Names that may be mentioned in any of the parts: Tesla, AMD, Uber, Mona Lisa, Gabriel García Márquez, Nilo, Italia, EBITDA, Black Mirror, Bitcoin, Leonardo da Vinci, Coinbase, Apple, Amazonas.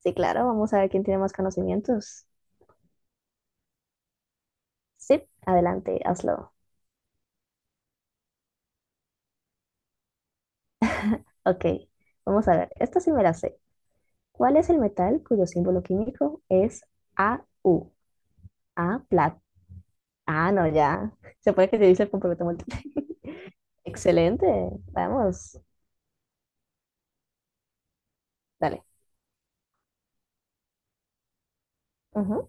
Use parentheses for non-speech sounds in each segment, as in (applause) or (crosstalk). Sí, claro, vamos a ver quién tiene más conocimientos. Sí, adelante, hazlo. Ok, vamos a ver. Esta sí me la sé. ¿Cuál es el metal cuyo símbolo químico es AU? A, plata. Ah, no, ya. Se puede que te dice el complemento múltiple. (laughs) Excelente, vamos. Dale. Ujú.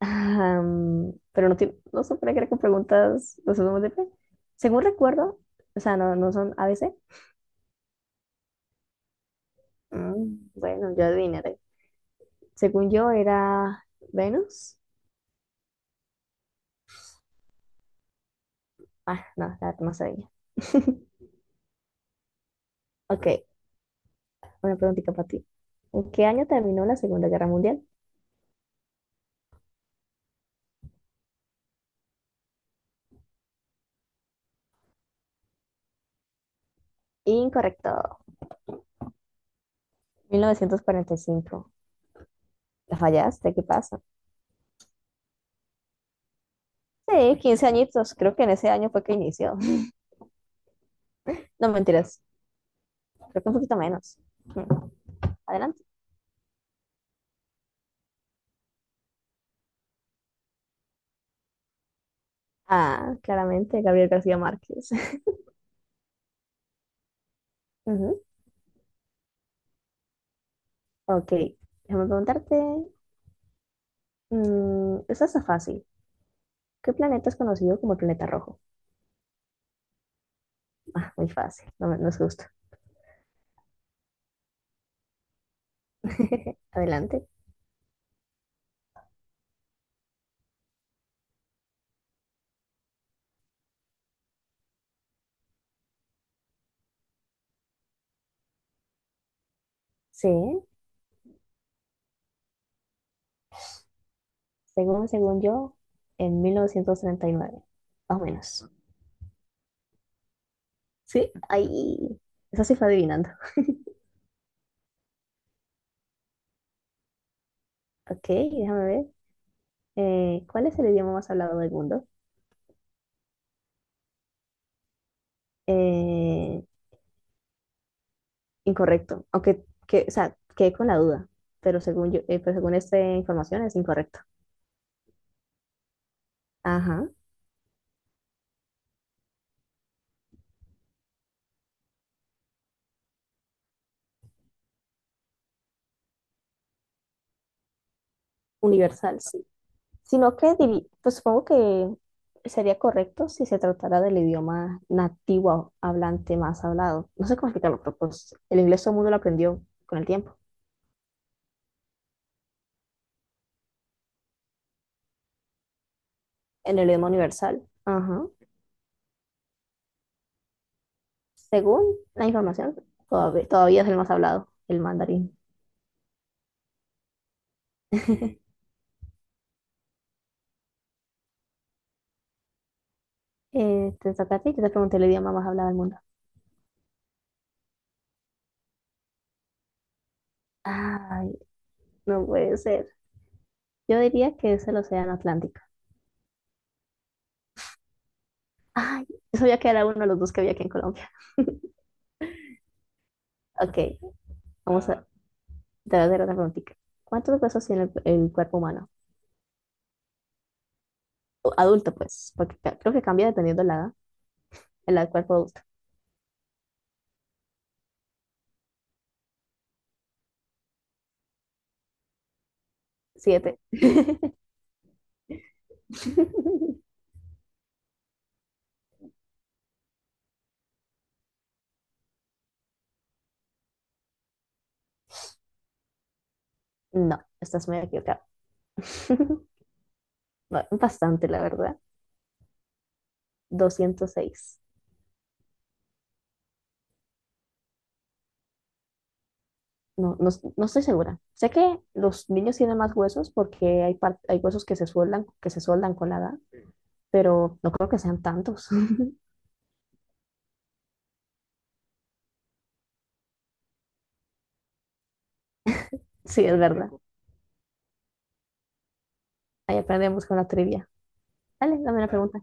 Pero no, no se puede creer con preguntas de opción múltiple. Según recuerdo, o sea, no, no son A ABC. Bueno, yo adivinaré. Según yo, era Venus. Ah, no, la más sabía. (laughs) Ok, una preguntita para ti. ¿En qué año terminó la Segunda Guerra Mundial? Incorrecto. 1945. ¿La fallaste? ¿Qué pasa? Sí, 15 añitos. Creo que en ese año fue que inició. (laughs) No, mentiras. Creo que un poquito menos. Mm, Adelante. Ah, claramente, Gabriel García Márquez. (laughs) Ujú. Ok, déjame preguntarte. Esta está fácil. ¿Qué planeta es conocido como el planeta rojo? Ah, muy fácil. No, no es justo. (laughs) Adelante. Sí. Según yo, en 1939, más o menos. Sí, ahí. Eso sí fue adivinando. Ok, déjame ver. ¿Cuál es el idioma más hablado del mundo? Eh, incorrecto. Aunque, que, o sea, quedé con la duda. Pero según yo, pero según esta información es incorrecto. Ajá. Universal, sí. Sino que, pues supongo que sería correcto si se tratara del idioma nativo hablante más hablado. No sé cómo explicarlo, pero pues el inglés todo el mundo lo aprendió con el tiempo. En el idioma universal. Ajá. Según la información, todavía es el más hablado, el mandarín. (laughs) Te toca a ti, yo te pregunté el idioma más hablado del mundo. Ay, no puede ser. Yo diría que es el Océano Atlántico. Ay, (laughs) yo sabía que era uno de los dos que había aquí en Colombia. Ok, vamos a, Ah, te voy a hacer otra preguntita. ¿Cuántos huesos tiene el cuerpo humano? O adulto, pues, porque creo que cambia dependiendo de la edad. El edad del cuerpo adulto. Siete. (laughs) No, estás muy equivocado. (laughs) Bastante, la verdad. 206. No, no, no estoy segura. Sé que los niños tienen más huesos porque hay, hay huesos que se sueldan con la edad, pero no creo que sean tantos. (laughs) Sí, es verdad. Rico. Ahí aprendemos con la trivia. Dale, dame una pregunta.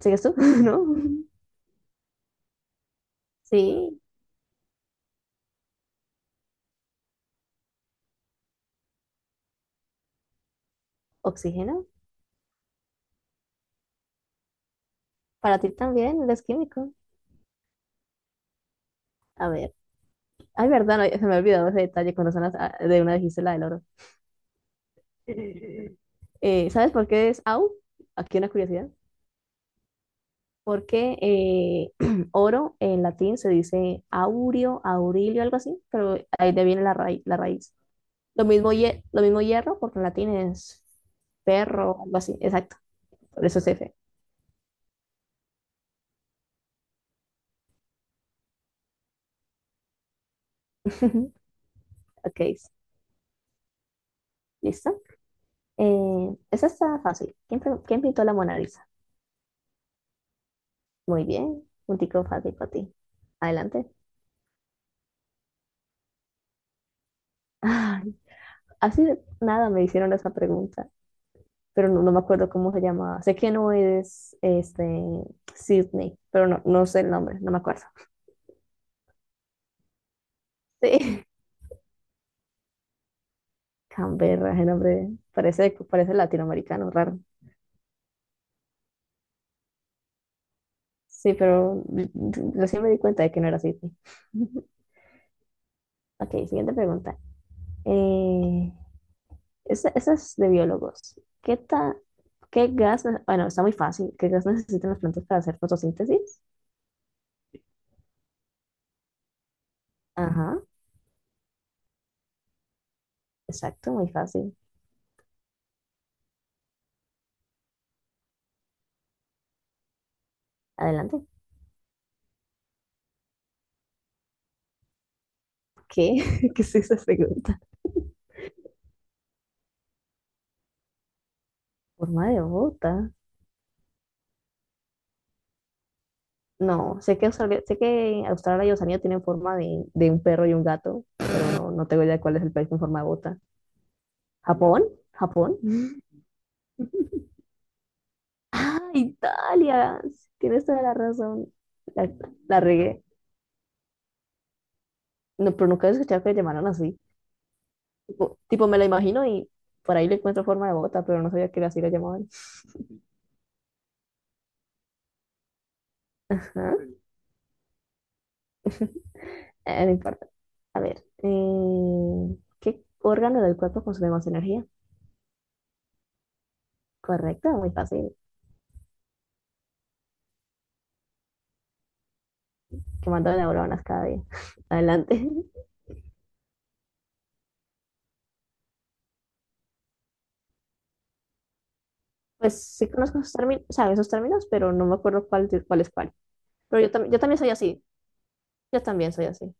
¿Sigues tú? (laughs) ¿No? Sí, oxígeno. Para ti también eres químico. A ver. Ay, verdad, no, se me ha olvidado ese detalle cuando son de una dijiste la del oro. (laughs) ¿Sabes por qué es AU? Aquí una curiosidad. Porque (clears throat) oro en latín se dice aurio, aurilio, algo así, pero ahí de viene la, la raíz. Lo mismo, lo mismo hierro, porque en latín es perro, algo así, exacto, por eso es F. (laughs) Ok, listo. Esa está fácil. ¿Quién pintó la Mona Lisa? Muy bien, un tico fácil para ti. Adelante. (laughs) Ay, así de nada me hicieron esa pregunta. Pero no, no me acuerdo cómo se llamaba. Sé que no es este, Sydney, pero no, no sé el nombre, no me acuerdo. Sí, (laughs) Canberra, el nombre parece latinoamericano, raro. Sí, pero recién me di cuenta de que no era Sydney. (laughs) Ok, siguiente pregunta. Eh, esa es de biólogos. ¿Qué, ta- qué gas? Bueno, está muy fácil. ¿Qué gas necesitan las plantas para hacer fotosíntesis? Ajá, exacto, muy fácil. Adelante. ¿Qué? (laughs) ¿Qué es esa pregunta? Forma de bota. No, sé que Australia y Oceanía tienen forma de un perro y un gato, pero no, no tengo idea de cuál es el país con forma de bota. ¿Japón? ¿Japón? (laughs) ¡Ah, Italia! Sí, tienes toda la razón. La, la regué. No, pero nunca he escuchado que le llamaran así. Tipo, me la imagino y por ahí le encuentro forma de bota, pero no sabía que así la llamaban. (laughs) ah no importa. A ver, ¿qué órgano del cuerpo consume más energía? Correcto, muy fácil. Que mandan neuronas cada día. (laughs) Adelante. Pues sí conozco esos términos, o sea, esos términos, pero no me acuerdo cuál es cuál. Pero yo también soy así. Yo también soy así.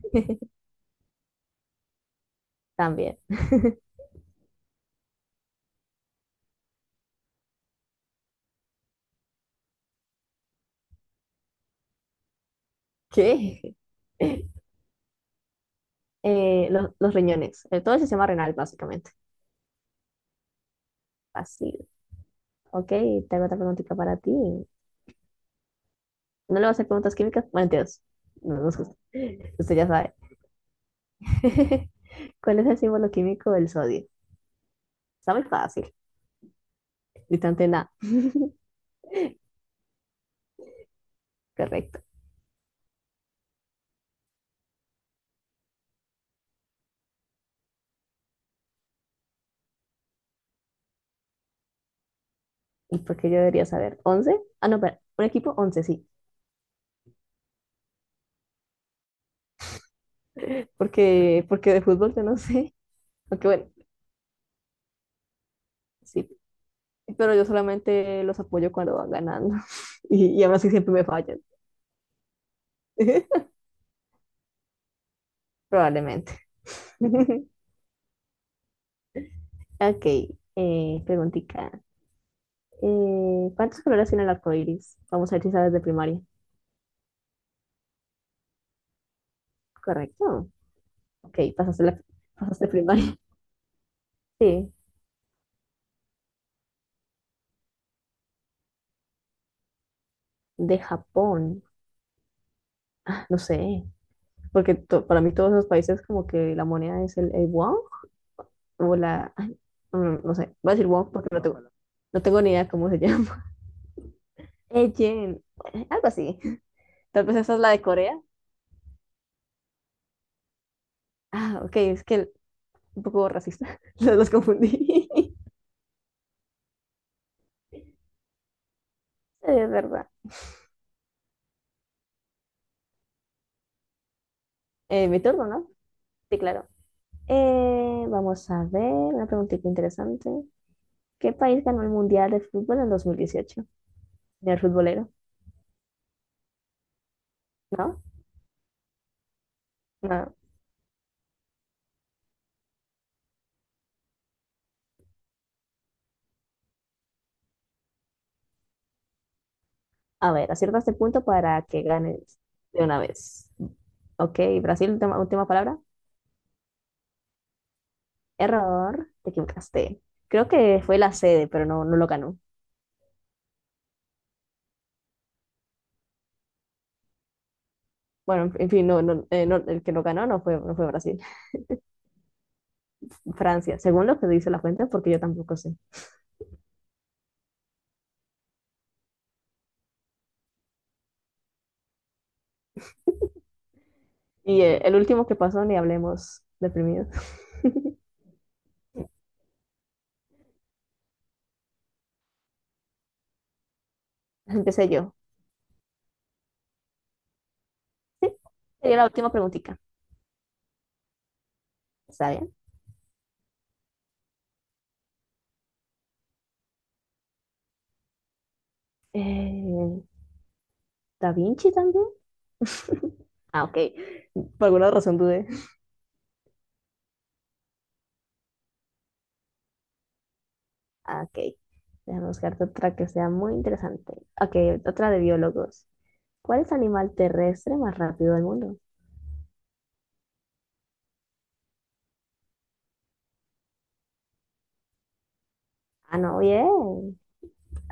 (laughs) También. (laughs) ¿Qué? Los riñones. Todo el sistema renal, básicamente. Fácil. Ok, tengo otra preguntita para ti. ¿No le vas a hacer preguntas químicas? Bueno, entonces no nos gusta. Usted ya sabe. (laughs) ¿Cuál es el símbolo químico del sodio? Está muy fácil. Distante nada. Correcto. ¿Y por qué yo debería saber? 11. No, pero un equipo 11 sí. Porque de fútbol yo no sé, aunque bueno, sí, pero yo solamente los apoyo cuando van ganando (laughs) y, aún así siempre me fallan, (laughs) probablemente. (laughs) Ok, preguntica. ¿Cuántos colores tiene el arco iris? Vamos a ver si sabes de primaria. Correcto. Ok, pasaste primaria. (laughs) Sí, de Japón. Ah, no sé, porque para mí todos los países como que la moneda es el won o ay, no, no sé, voy a decir WoW porque no tengo ni idea cómo se llama. (laughs) Ejen, algo así. Tal vez esa es la de Corea. Ah, ok, es que un poco racista, (laughs) los confundí. (laughs) Es verdad. Mi turno, ¿no? Sí, claro. Vamos a ver, una preguntita interesante. ¿Qué país ganó el Mundial de Fútbol en 2018 el futbolero, ¿no? No. A ver, acierta este punto para que ganes de una vez. Ok, Brasil, última, última palabra. Error, te equivocaste. Creo que fue la sede, pero no, no lo ganó. Bueno, en fin, no, no, el que lo ganó no fue Brasil, Francia, según lo que dice la fuente, porque yo tampoco sé. Y el último que pasó, ni hablemos deprimido. (laughs) Empecé yo. Sí, sería la última preguntita. ¿Está bien? Eh, ¿Da Vinci también? (laughs) Ah, ok. Por alguna razón dudé. Ah, ok. Déjame buscarte otra que sea muy interesante. Ok, otra de biólogos. ¿Cuál es el animal terrestre más rápido del mundo? Ah, no, bien.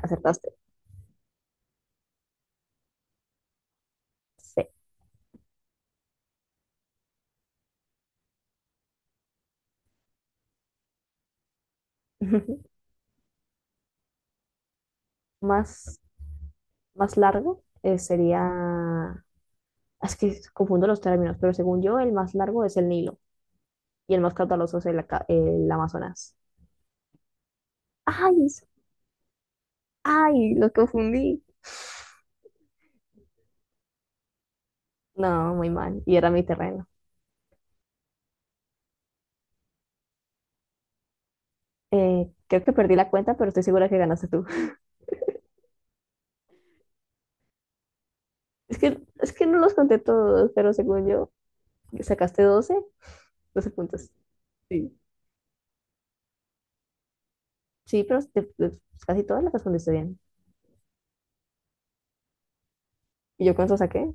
Acertaste. Sí. (laughs) Más, más largo sería. Es que confundo los términos, pero según yo, el más largo es el Nilo y el más caudaloso es el Amazonas. ¡Ay! ¡Ay! Lo confundí. No, muy mal. Y era mi terreno. Creo que perdí la cuenta, pero estoy segura que ganaste tú. (laughs) Es que no los conté todos, pero según yo, sacaste doce puntos. Sí. Sí, pero casi todas las respondiste bien. ¿Y yo cuánto saqué?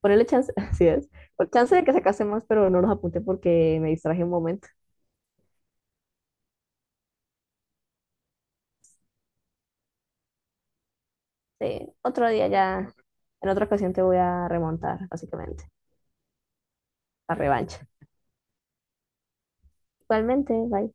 Ponerle chance, (laughs) así es, por chance de que sacase más, pero no los apunté porque me distraje un momento. Sí, otro día ya, en otra ocasión te voy a remontar, básicamente, la revancha. Igualmente, bye.